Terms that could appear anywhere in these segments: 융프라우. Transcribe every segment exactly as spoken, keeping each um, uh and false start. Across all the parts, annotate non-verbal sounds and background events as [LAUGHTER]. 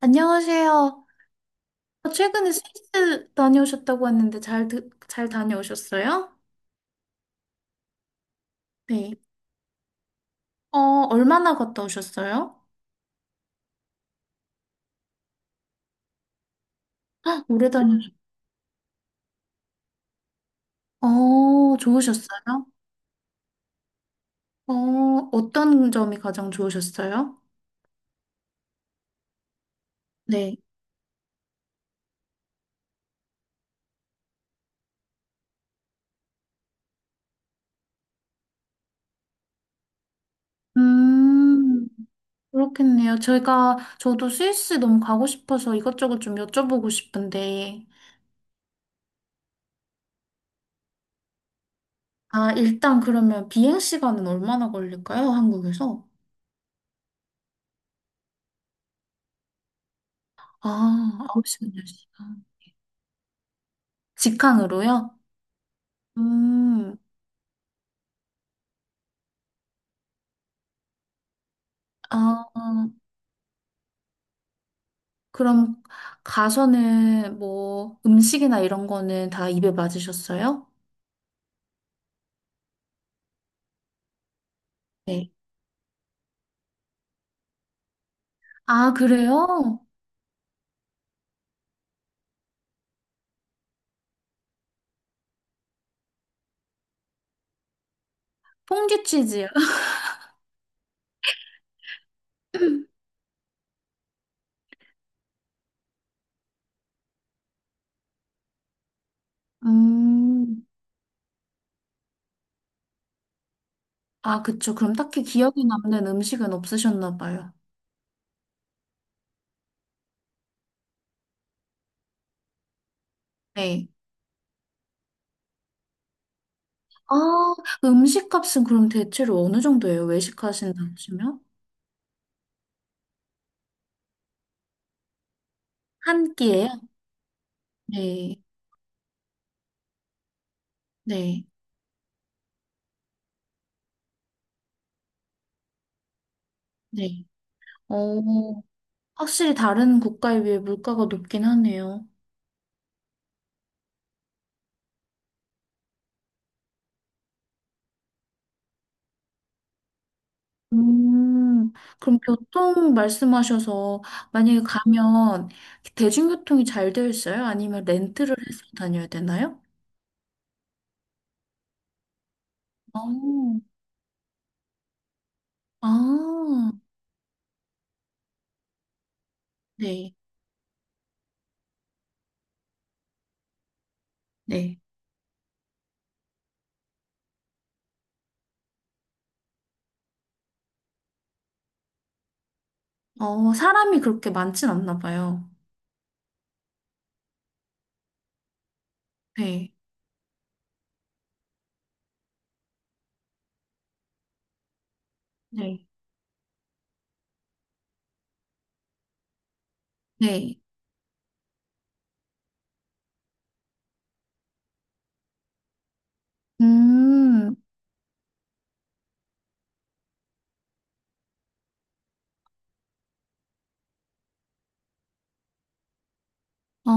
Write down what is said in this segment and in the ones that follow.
안녕하세요. 아, 최근에 스위스 다녀오셨다고 했는데 잘, 드- 잘 다녀오셨어요? 네. 어, 얼마나 갔다 오셨어요? 헉, 오래 다녀오셨어요. 어, 좋으셨어요? 어, 어떤 점이 가장 좋으셨어요? 네. 음, 그렇겠네요. 저희가, 저도 스위스 너무 가고 싶어서 이것저것 좀 여쭤보고 싶은데, 아, 일단 그러면 비행 시간은 얼마나 걸릴까요? 한국에서? 아, 아홉 시간, 시간 직항으로요? 음, 아, 그럼 가서는 뭐 음식이나 이런 거는 다 입에 맞으셨어요? 네. 아, 그래요? 퐁듀 치즈요? [LAUGHS] 음, 아, 그쵸. 그럼 딱히 기억에 남는 음식은 없으셨나 봐요. 네. 아, 음식 값은 그럼 대체로 어느 정도예요? 외식하신다 하시면? 한 끼예요? 네, 네, 네. 어, 확실히 다른 국가에 비해 물가가 높긴 하네요. 음, 그럼 교통 말씀하셔서 만약에 가면 대중교통이 잘 되어 있어요? 아니면 렌트를 해서 다녀야 되나요? 어, 아, 네, 네. 어, 사람이 그렇게 많진 않나 봐요. 네, 네, 네. 음, 어,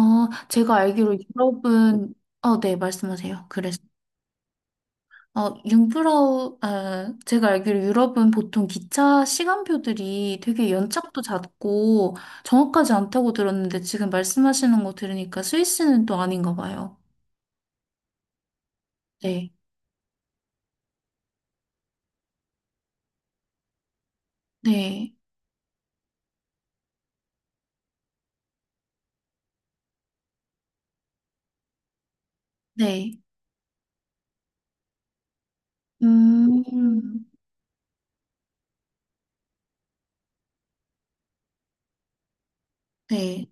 제가 알기로 유럽은, 어, 네, 말씀하세요. 그래서. 어, 융프라우, 아, 제가 알기로 유럽은 보통 기차 시간표들이 되게 연착도 잦고 정확하지 않다고 들었는데 지금 말씀하시는 거 들으니까 스위스는 또 아닌가 봐요. 네, 네, 네. 음, 음, 네.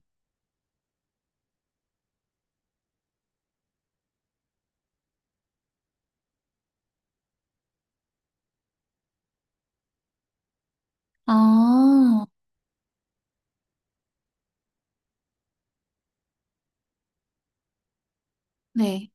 아, 네.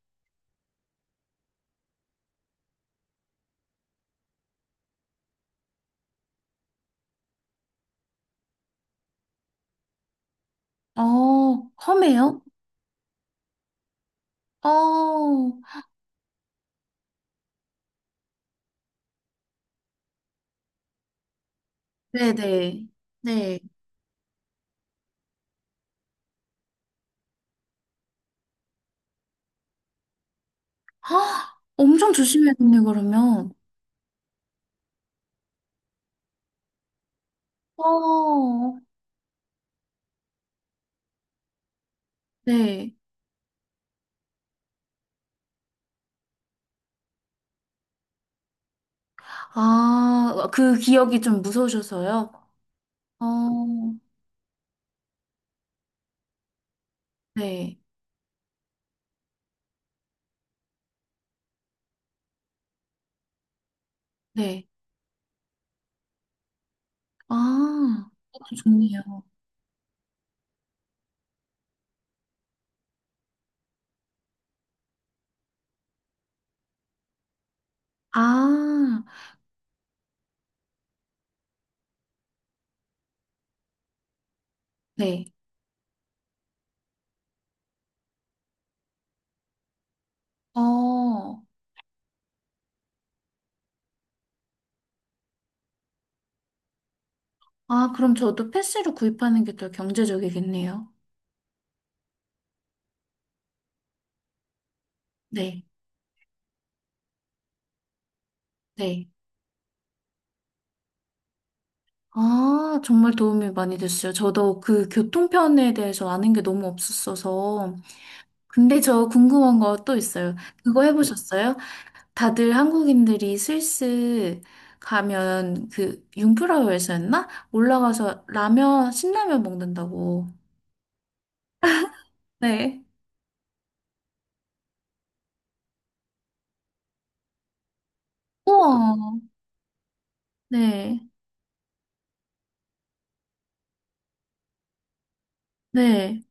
어, 험해요? 어, 네네. 네. 아, 엄청 조심해야겠네, 그러면. 어, 네. 아, 어, 그 기억이 좀 무서우셔서요? 어, 네, 네. 아, 그것도 좋네요. 아, 네. 어, 아, 그럼 저도 패스로 구입하는 게 더 경제적이겠네요. 네, 네. 아, 정말 도움이 많이 됐어요. 저도 그 교통편에 대해서 아는 게 너무 없었어서. 근데 저 궁금한 거 또 있어요. 그거 해보셨어요? 다들 한국인들이 스위스 가면 그 융프라우에서였나? 올라가서 라면, 신라면 먹는다고. 네. 우와. 네, 네.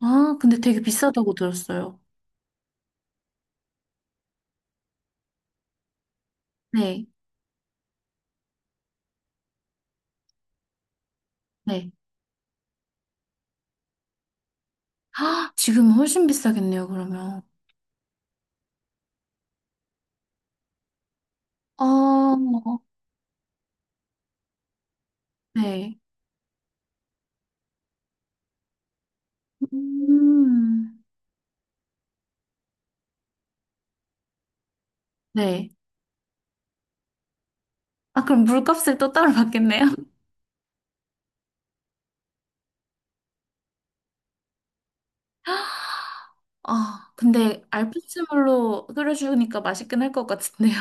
아, 근데 되게 비싸다고 들었어요. 네, 네. 아, 지금은 훨씬 비싸겠네요, 그러면. 아, 네. 음, 네. 아, 그럼 물값을 또 따로 받겠네요? 아, 근데 알프스물로 끓여주니까 맛있긴 할 것 같은데요.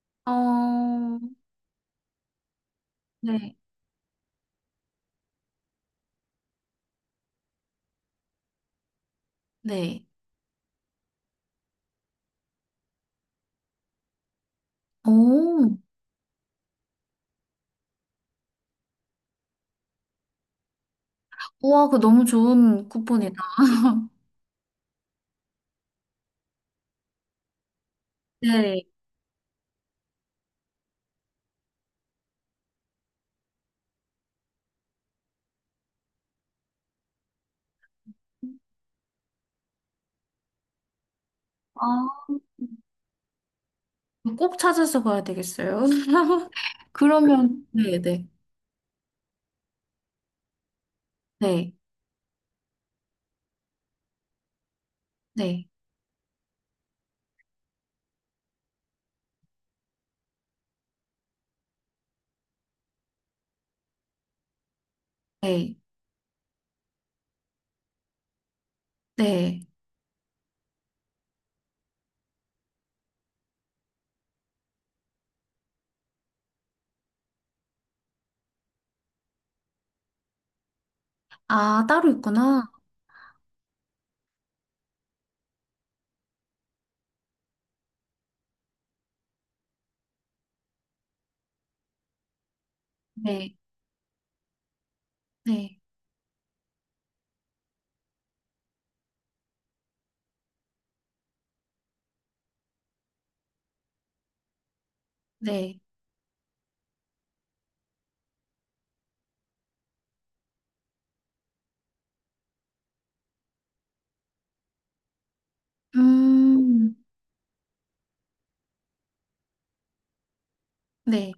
[LAUGHS] 어, 네. 네. 오, 우와, 그 너무 좋은 쿠폰이다. [LAUGHS] 네. 아, 꼭 찾아서 가야 되겠어요. [LAUGHS] 그러면, 네, 네, 네, 네, 네, 네. 아, 따로 있구나. 네, 네, 네. 음, 네.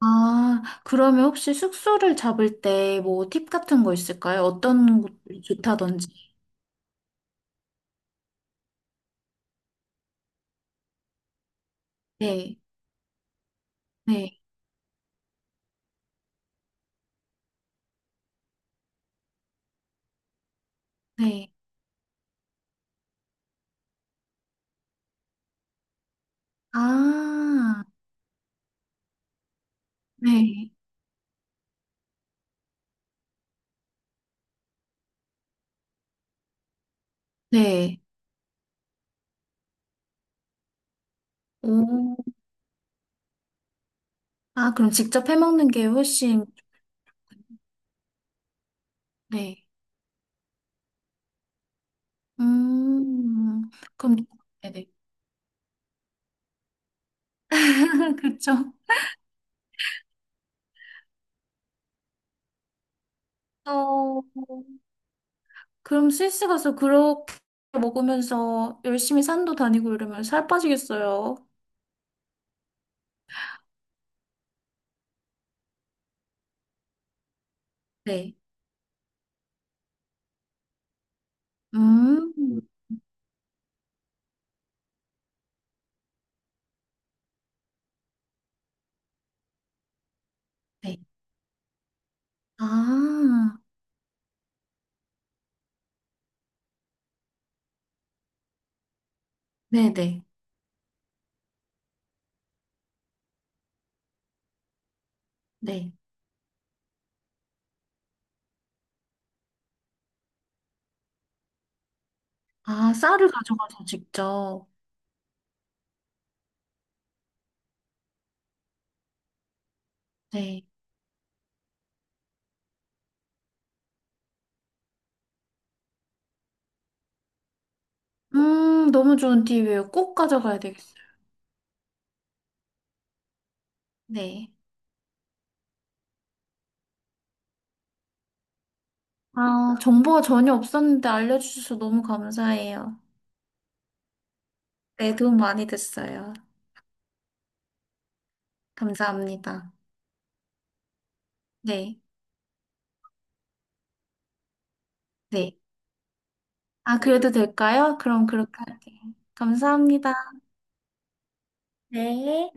아, 그러면 혹시 숙소를 잡을 때 뭐 팁 같은 거 있을까요? 어떤 곳이 좋다든지. 네, 네, 네. 아, 네, 네. 오. 아, 그럼 직접 해먹는 게 훨씬, 네. 음, 그럼, 네네. [LAUGHS] 그쵸. 어, 그럼 스위스 가서 그렇게 먹으면서 열심히 산도 다니고 이러면 살 빠지겠어요. 네. 음, 네. 아, 네네. 네. 아, 쌀을 가져가서 직접. 네. 음, 너무 좋은 팁이에요. 꼭 가져가야 되겠어요. 네. 아, 정보가 전혀 없었는데 알려주셔서 너무 감사해요. 네, 도움 많이 됐어요. 감사합니다. 네, 네. 아, 그래도 될까요? 그럼 그렇게 할게요. 감사합니다. 네.